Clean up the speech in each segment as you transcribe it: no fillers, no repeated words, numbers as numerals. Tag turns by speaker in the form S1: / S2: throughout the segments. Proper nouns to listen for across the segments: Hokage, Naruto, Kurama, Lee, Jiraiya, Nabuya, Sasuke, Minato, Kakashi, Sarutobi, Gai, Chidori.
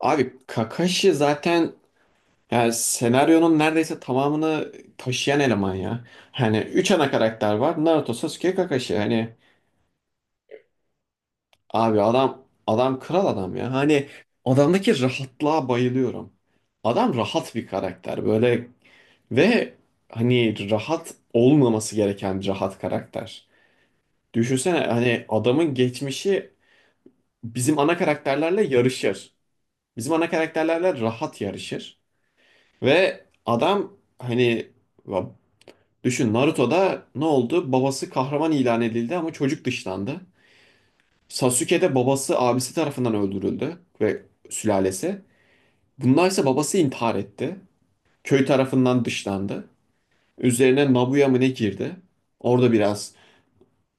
S1: Abi Kakashi zaten yani senaryonun neredeyse tamamını taşıyan eleman ya. Hani üç ana karakter var. Naruto, Sasuke, Kakashi. Hani abi adam kral adam ya. Hani adamdaki rahatlığa bayılıyorum. Adam rahat bir karakter böyle ve hani rahat olmaması gereken bir rahat karakter. Düşünsene hani adamın geçmişi bizim ana karakterlerle yarışır. Bizim ana karakterlerle rahat yarışır. Ve adam hani ya düşün, Naruto'da ne oldu? Babası kahraman ilan edildi ama çocuk dışlandı. Sasuke'de babası abisi tarafından öldürüldü ve sülalesi. Bunlar ise babası intihar etti. Köy tarafından dışlandı. Üzerine Nabuya mı ne girdi? Orada biraz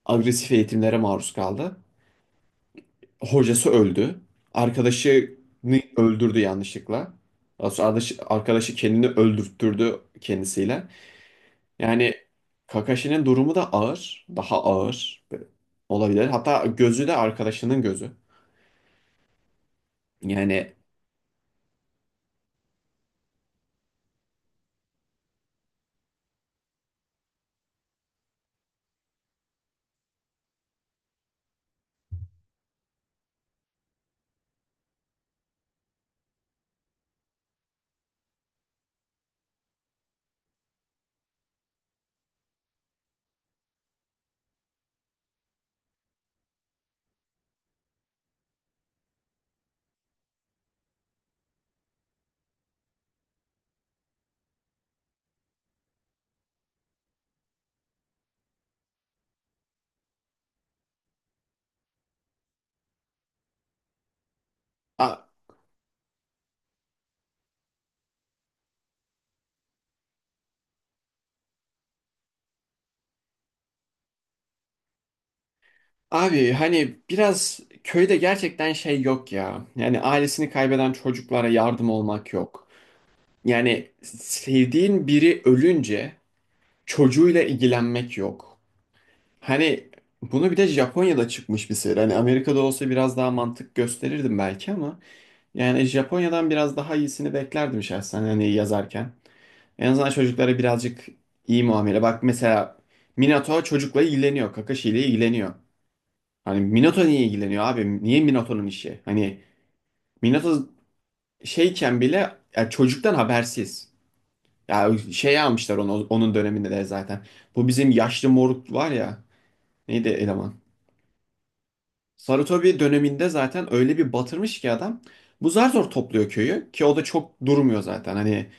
S1: agresif eğitimlere maruz kaldı. Hocası öldü. Arkadaşını öldürdü yanlışlıkla. Daha sonra arkadaşı kendini öldürttürdü kendisiyle. Yani Kakashi'nin durumu da ağır. Daha ağır olabilir. Hatta gözü de arkadaşının gözü. Yani a- abi hani biraz köyde gerçekten şey yok ya. Yani ailesini kaybeden çocuklara yardım olmak yok. Yani sevdiğin biri ölünce çocuğuyla ilgilenmek yok. Hani bunu bir de Japonya'da çıkmış bir seri. Hani Amerika'da olsa biraz daha mantık gösterirdim belki ama yani Japonya'dan biraz daha iyisini beklerdim şahsen hani yazarken. En azından çocuklara birazcık iyi muamele. Bak mesela Minato çocukla ilgileniyor. Kakashi ile ilgileniyor. Hani Minato niye ilgileniyor abi? Niye Minato'nun işi? Hani Minato şeyken bile ya çocuktan habersiz. Ya şey almışlar onu onun döneminde de zaten. Bu bizim yaşlı moruk var ya. Neydi eleman? Sarutobi döneminde zaten öyle bir batırmış ki adam. Bu zar zor topluyor köyü ki o da çok durmuyor zaten. Hani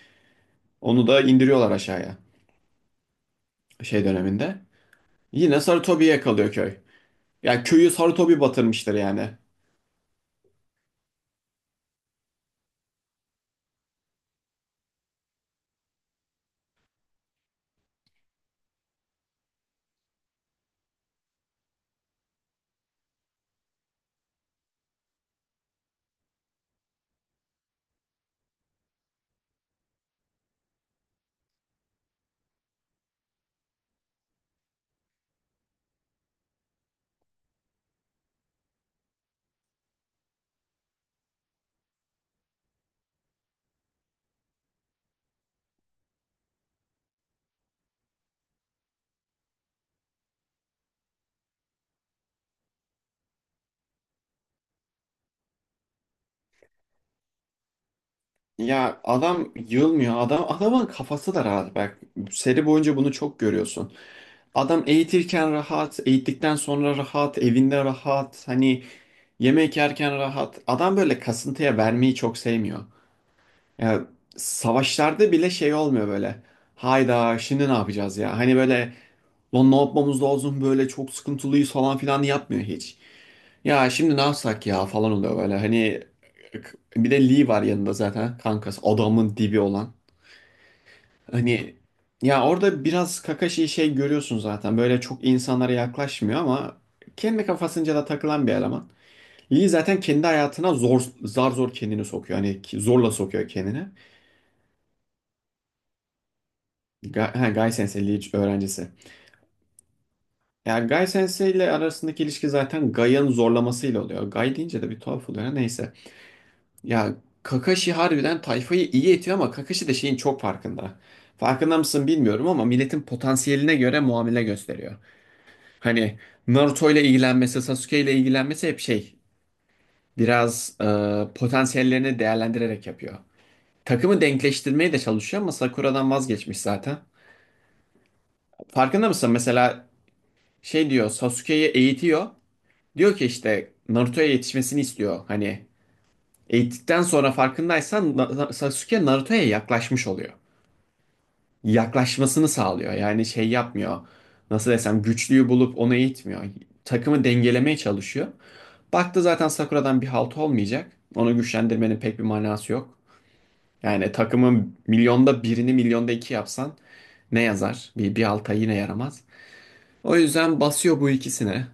S1: onu da indiriyorlar aşağıya şey döneminde. Yine Sarutobi'ye kalıyor köy. Ya köyü Sarutobi batırmıştır yani. Ya adam yılmıyor. Adam adamın kafası da rahat. Bak seri boyunca bunu çok görüyorsun. Adam eğitirken rahat, eğittikten sonra rahat, evinde rahat, hani yemek yerken rahat. Adam böyle kasıntıya vermeyi çok sevmiyor. Ya savaşlarda bile şey olmuyor böyle. Hayda, şimdi ne yapacağız ya? Hani böyle lan ne yapmamız lazım, böyle çok sıkıntılıyız falan filan yapmıyor hiç. Ya şimdi ne yapsak ya falan oluyor böyle. Hani bir de Lee var yanında zaten kankası adamın dibi olan. Hani ya orada biraz Kakashi'yi şey görüyorsun zaten. Böyle çok insanlara yaklaşmıyor ama kendi kafasınca da takılan bir eleman. Lee zaten kendi hayatına zar zor kendini sokuyor. Hani zorla sokuyor kendini. Gai Sensei Lee öğrencisi. Ya Gai Sensei ile arasındaki ilişki zaten Gai'ın zorlamasıyla oluyor. Gai deyince de bir tuhaf oluyor. Neyse. Ya Kakashi harbiden tayfayı iyi etiyor ama Kakashi de şeyin çok farkında. Farkında mısın bilmiyorum ama milletin potansiyeline göre muamele gösteriyor. Hani Naruto ile ilgilenmesi, Sasuke ile ilgilenmesi hep şey biraz potansiyellerini değerlendirerek yapıyor. Takımı denkleştirmeye de çalışıyor ama Sakura'dan vazgeçmiş zaten. Farkında mısın mesela şey diyor, Sasuke'yi eğitiyor. Diyor ki işte Naruto'ya yetişmesini istiyor. Hani eğittikten sonra farkındaysan Sasuke Naruto'ya yaklaşmış oluyor. Yaklaşmasını sağlıyor. Yani şey yapmıyor. Nasıl desem, güçlüyü bulup onu eğitmiyor. Takımı dengelemeye çalışıyor. Baktı zaten Sakura'dan bir halt olmayacak. Onu güçlendirmenin pek bir manası yok. Yani takımın milyonda birini milyonda iki yapsan ne yazar? Bir halta yine yaramaz. O yüzden basıyor bu ikisine.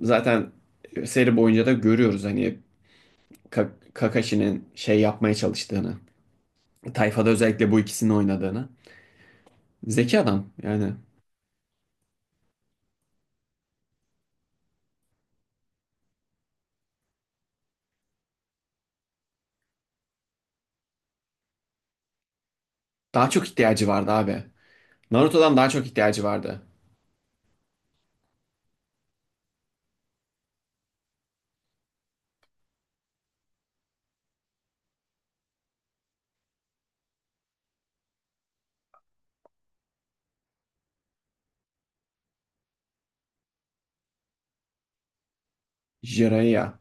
S1: Zaten seri boyunca da görüyoruz hani Kakashi'nin şey yapmaya çalıştığını. Tayfada özellikle bu ikisini oynadığını. Zeki adam yani. Daha çok ihtiyacı vardı abi. Naruto'dan daha çok ihtiyacı vardı. Jiraiya.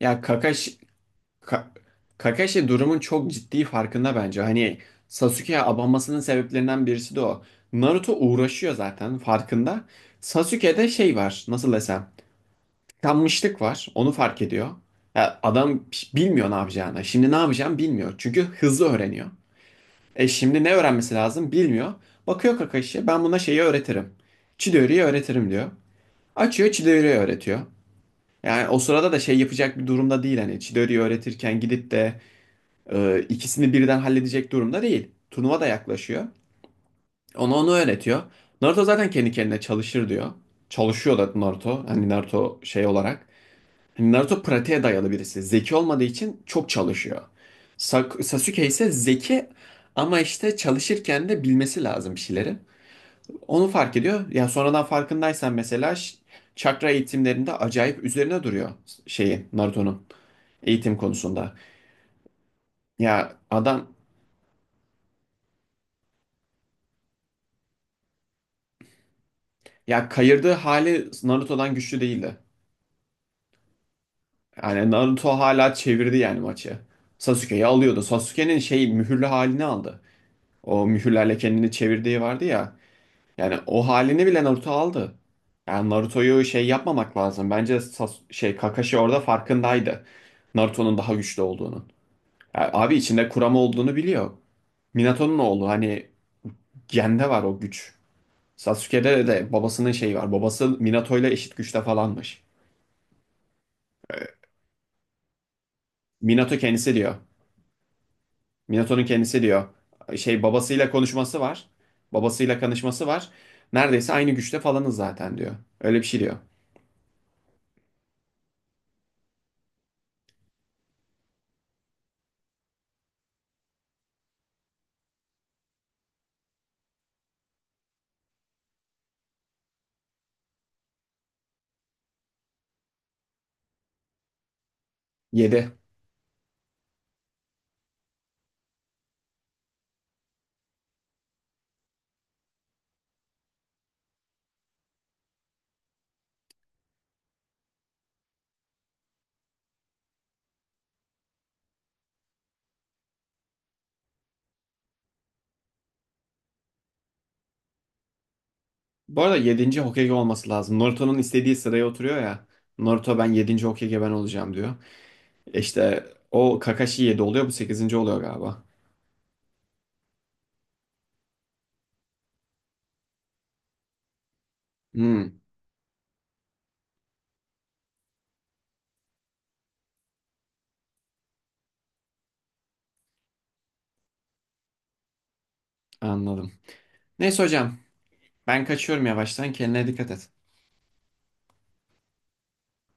S1: Ya Kakashi, Ka- Kakashi durumun çok ciddi farkında bence. Hani Sasuke'ye abanmasının sebeplerinden birisi de o. Naruto uğraşıyor zaten, farkında. Sasuke'de şey var nasıl desem. Tıkanmışlık var, onu fark ediyor. Ya adam bilmiyor ne yapacağını. Şimdi ne yapacağını bilmiyor. Çünkü hızlı öğreniyor. E şimdi ne öğrenmesi lazım bilmiyor. Bakıyor Kakashi ben buna şeyi öğretirim. Chidori'yi öğretirim diyor. Açıyor Chidori'yi öğretiyor. Yani o sırada da şey yapacak bir durumda değil hani Chidori'yi öğretirken gidip de ikisini birden halledecek durumda değil. Turnuva da yaklaşıyor. Ona onu öğretiyor. Naruto zaten kendi kendine çalışır diyor. Çalışıyor da Naruto. Hani Naruto şey olarak. Hani Naruto pratiğe dayalı birisi. Zeki olmadığı için çok çalışıyor. Sasuke ise zeki ama işte çalışırken de bilmesi lazım bir şeyleri. Onu fark ediyor. Ya sonradan farkındaysan mesela çakra eğitimlerinde acayip üzerine duruyor şeyi Naruto'nun. Eğitim konusunda. Ya adam ya, kayırdığı hali Naruto'dan güçlü değildi. Yani Naruto hala çevirdi yani maçı. Sasuke'yi alıyordu. Sasuke'nin şey mühürlü halini aldı. O mühürlerle kendini çevirdiği vardı ya. Yani o halini bile Naruto aldı. Yani Naruto'yu şey yapmamak lazım. Bence Kakashi orada farkındaydı. Naruto'nun daha güçlü olduğunu. Yani abi içinde Kurama olduğunu biliyor. Minato'nun oğlu hani gende var o güç. Sasuke'de de babasının şeyi var. Babası Minato ile eşit güçte falanmış. Minato kendisi diyor. Minato'nun kendisi diyor. Şey babasıyla konuşması var. Babasıyla konuşması var. Neredeyse aynı güçte falanız zaten diyor. Öyle bir şey diyor. Yedi. Bu arada yedinci Hokage olması lazım. Naruto'nun istediği sıraya oturuyor ya. Naruto ben yedinci Hokage ben olacağım diyor. E İşte o Kakashi 7 oluyor, bu sekizinci oluyor galiba. Hmm. Anladım. Neyse hocam ben kaçıyorum yavaştan, kendine dikkat et.